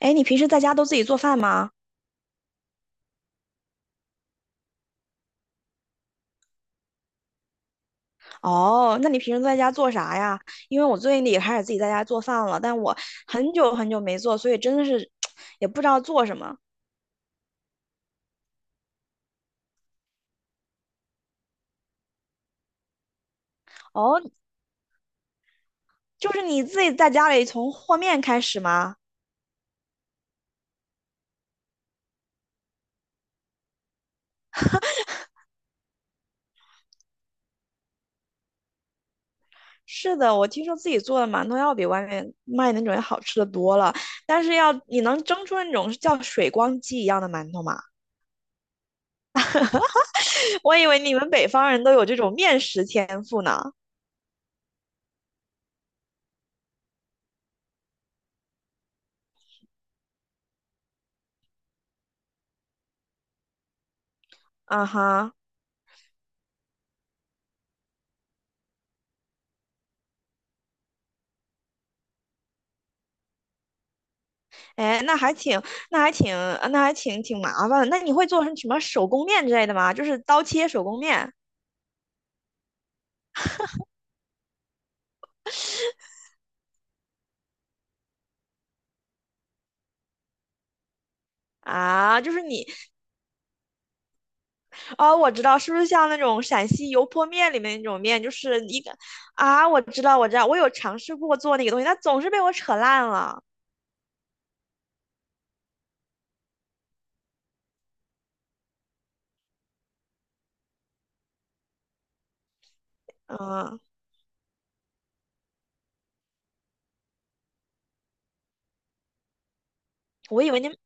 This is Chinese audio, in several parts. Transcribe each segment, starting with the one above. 哎，你平时在家都自己做饭吗？哦，那你平时在家做啥呀？因为我最近也开始自己在家做饭了，但我很久很久没做，所以真的是 也不知道做什么。哦，就是你自己在家里从和面开始吗？是的，我听说自己做的馒头要比外面卖的那种要好吃的多了，但是要你能蒸出那种叫水光肌一样的馒头吗？我以为你们北方人都有这种面食天赋呢。啊哈。哎，那还挺，那还挺挺麻烦的。那你会做成什么手工面之类的吗？就是刀切手工面啊。就是你哦，我知道，是不是像那种陕西油泼面里面那种面。就是一个啊，我知道，我知道，我有尝试过做那个东西，但总是被我扯烂了。嗯，我以为你们，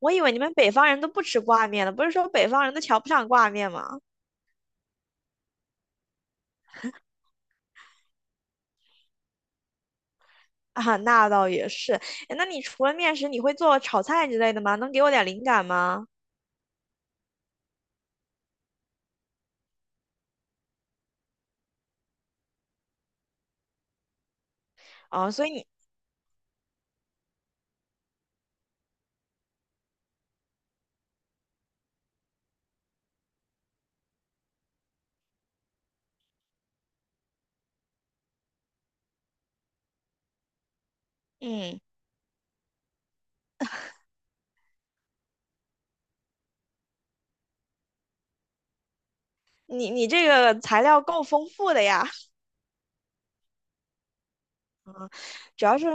我以为你们北方人都不吃挂面的，不是说北方人都瞧不上挂面吗？啊，那倒也是。哎那你除了面食，你会做炒菜之类的吗？能给我点灵感吗？啊，所以你，嗯。你这个材料够丰富的呀。主要是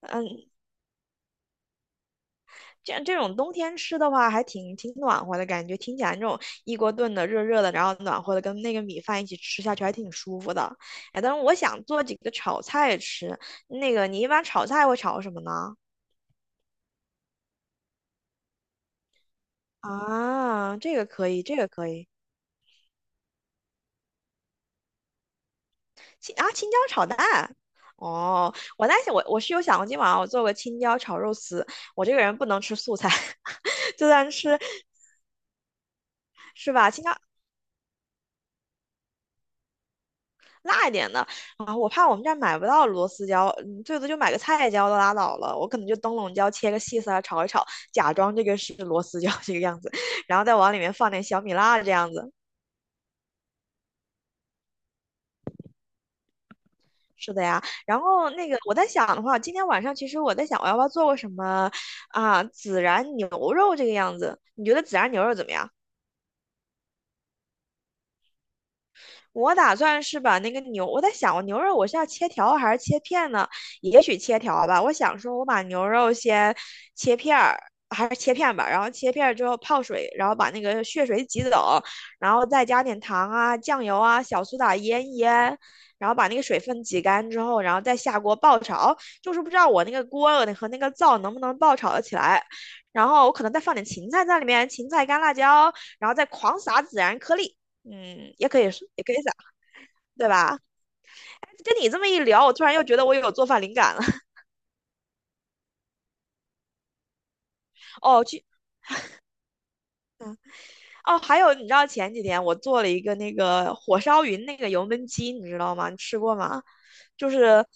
嗯，这种冬天吃的话，还挺挺暖和的感觉。听起来那种一锅炖的热热的，然后暖和的，跟那个米饭一起吃下去，还挺舒服的。哎，但是我想做几个炒菜吃。那个你一般炒菜会炒什么呢？啊，这个可以，这个可以。青椒炒蛋。哦，我在想，我是有想过今晚上我做个青椒炒肉丝。我这个人不能吃素菜，就算吃是吧？青椒辣一点的。啊，我怕我们这儿买不到螺丝椒。嗯最多就买个菜椒都拉倒了。我可能就灯笼椒切个细丝儿炒一炒，假装这个是螺丝椒这个样子，然后再往里面放点小米辣这样子。是的呀，然后那个我在想的话，今天晚上其实我在想我要不要做个什么啊孜然牛肉这个样子？你觉得孜然牛肉怎么样？我打算是把那个牛，我在想，我牛肉我是要切条还是切片呢？也许切条吧。我想说，我把牛肉先切片儿，还是切片吧。然后切片儿之后泡水，然后把那个血水挤走，然后再加点糖啊、酱油啊、小苏打腌一腌，然后把那个水分挤干之后，然后再下锅爆炒。就是不知道我那个锅和那个灶能不能爆炒的起来。然后我可能再放点芹菜在里面，芹菜、干辣椒，然后再狂撒孜然颗粒。嗯，也可以是，也可以撒，对吧？跟你这么一聊，我突然又觉得我有做饭灵感了。哦，去哦，还有你知道前几天我做了一个那个火烧云那个油焖鸡，你知道吗？你吃过吗？就是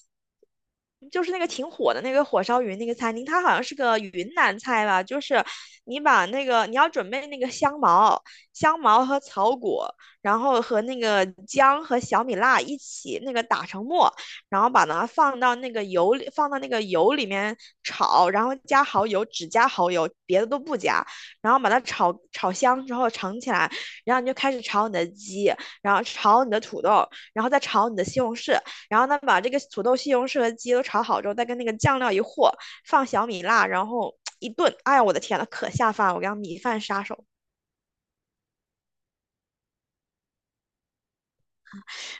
就是那个挺火的那个火烧云那个餐厅，它好像是个云南菜吧？就是你把那个你要准备那个香茅、香茅和草果，然后和那个姜和小米辣一起那个打成沫，然后把它放到那个油里，放到那个油里面炒，然后加蚝油，只加蚝油，别的都不加。然后把它炒炒香之后盛起来，然后你就开始炒你的鸡，然后炒你的土豆，然后再炒你的西红柿，然后呢把这个土豆、西红柿和鸡都炒好之后，再跟那个酱料一和，放小米辣，然后一炖。哎呀，我的天呐，可下饭了！我刚米饭杀手。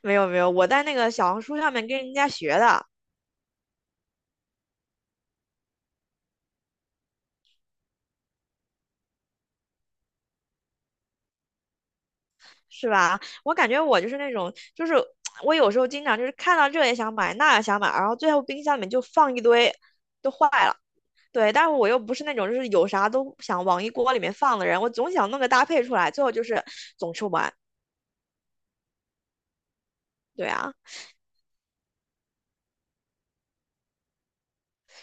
没有没有，我在那个小红书上面跟人家学的。是吧？我感觉我就是那种就是。我有时候经常就是看到这也想买，那也想买，然后最后冰箱里面就放一堆，都坏了。对，但是我又不是那种就是有啥都想往一锅里面放的人，我总想弄个搭配出来，最后就是总吃不完。对啊，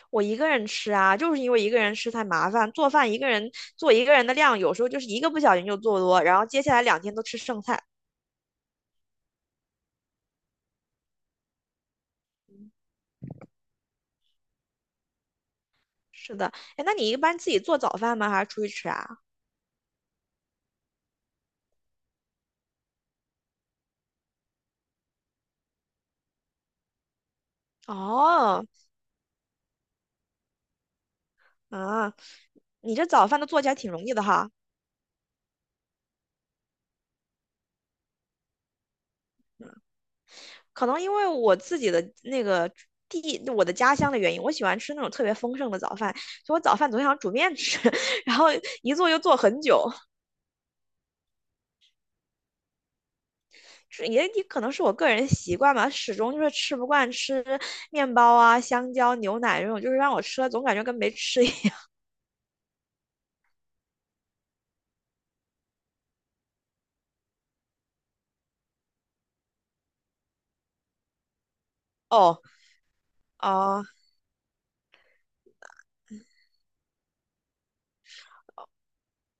我一个人吃啊，就是因为一个人吃太麻烦，做饭一个人做一个人的量，有时候就是一个不小心就做多，然后接下来2天都吃剩菜。是的，哎，那你一般自己做早饭吗？还是出去吃啊？哦，啊，你这早饭都做起来挺容易的哈。可能因为我自己的那个我的家乡的原因，我喜欢吃那种特别丰盛的早饭，所以我早饭总想煮面吃，然后一做就做很久。是，也可能是我个人习惯吧，始终就是吃不惯吃面包啊、香蕉、牛奶这种，就是让我吃了总感觉跟没吃一样。哦哦、啊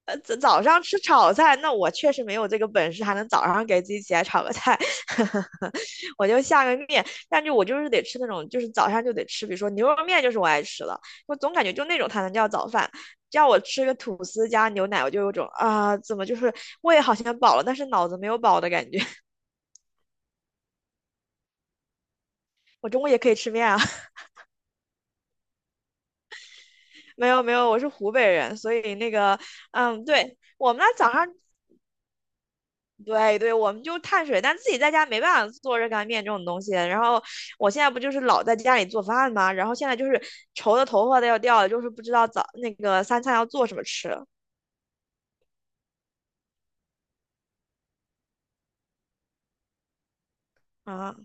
呃，早上吃炒菜，那我确实没有这个本事，还能早上给自己起来炒个菜。我就下个面。但是我就是得吃那种，就是早上就得吃，比如说牛肉面就是我爱吃的，我总感觉就那种才能叫早饭。叫我吃个吐司加牛奶，我就有种啊，怎么就是胃好像饱了，但是脑子没有饱的感觉。我中午也可以吃面啊。没有没有，我是湖北人，所以那个，嗯，对，我们那早上对对，我们就碳水，但自己在家没办法做热干面这种东西。然后我现在不就是老在家里做饭吗？然后现在就是愁的头发都要掉了，就是不知道早那个三餐要做什么吃啊。啊！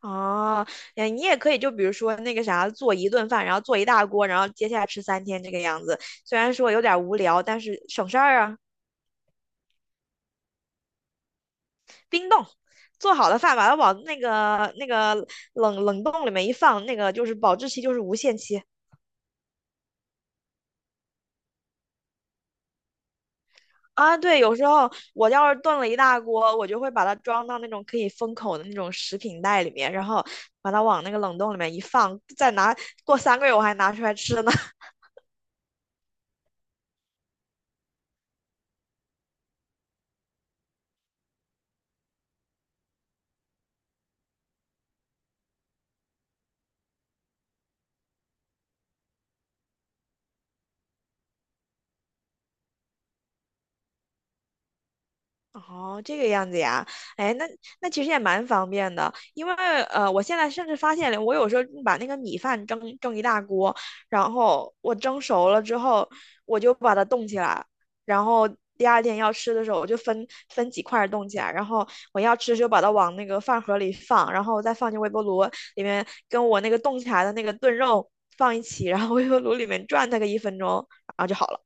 哦，哎，你也可以就比如说那个啥，做一顿饭，然后做一大锅，然后接下来吃3天这个样子。虽然说有点无聊，但是省事儿啊。冰冻，做好的饭把它往那个冷冻里面一放，那个就是保质期就是无限期。啊，对，有时候我要是炖了一大锅，我就会把它装到那种可以封口的那种食品袋里面，然后把它往那个冷冻里面一放，过3个月我还拿出来吃呢。哦，这个样子呀，哎，那其实也蛮方便的，因为我现在甚至发现了，我有时候把那个米饭蒸蒸一大锅，然后我蒸熟了之后，我就把它冻起来，然后第二天要吃的时候，我就分分几块儿冻起来，然后我要吃就把它往那个饭盒里放，然后再放进微波炉里面，跟我那个冻起来的那个炖肉放一起，然后微波炉里面转它个一分钟，然后就好了。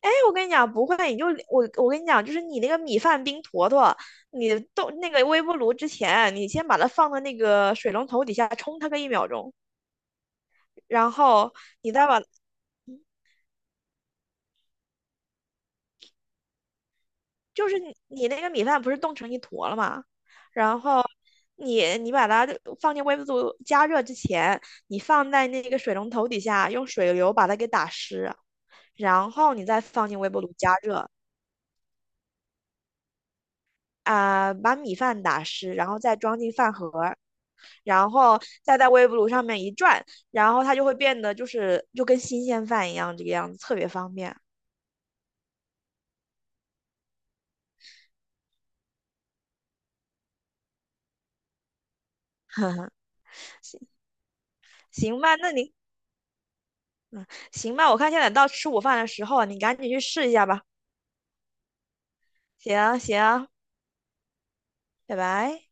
哎，我跟你讲，不会，你就我跟你讲，就是你那个米饭冰坨坨，你冻那个微波炉之前，你先把它放到那个水龙头底下冲它个一秒钟，然后你再把，就是你那个米饭不是冻成一坨了吗？然后你把它放进微波炉加热之前，你放在那个水龙头底下，用水流把它给打湿，然后你再放进微波炉加热。把米饭打湿，然后再装进饭盒儿，然后再在微波炉上面一转，然后它就会变得就是就跟新鲜饭一样这个样子，特别方便。行行吧，行吧，我看现在到吃午饭的时候啊，你赶紧去试一下吧。行行，拜拜。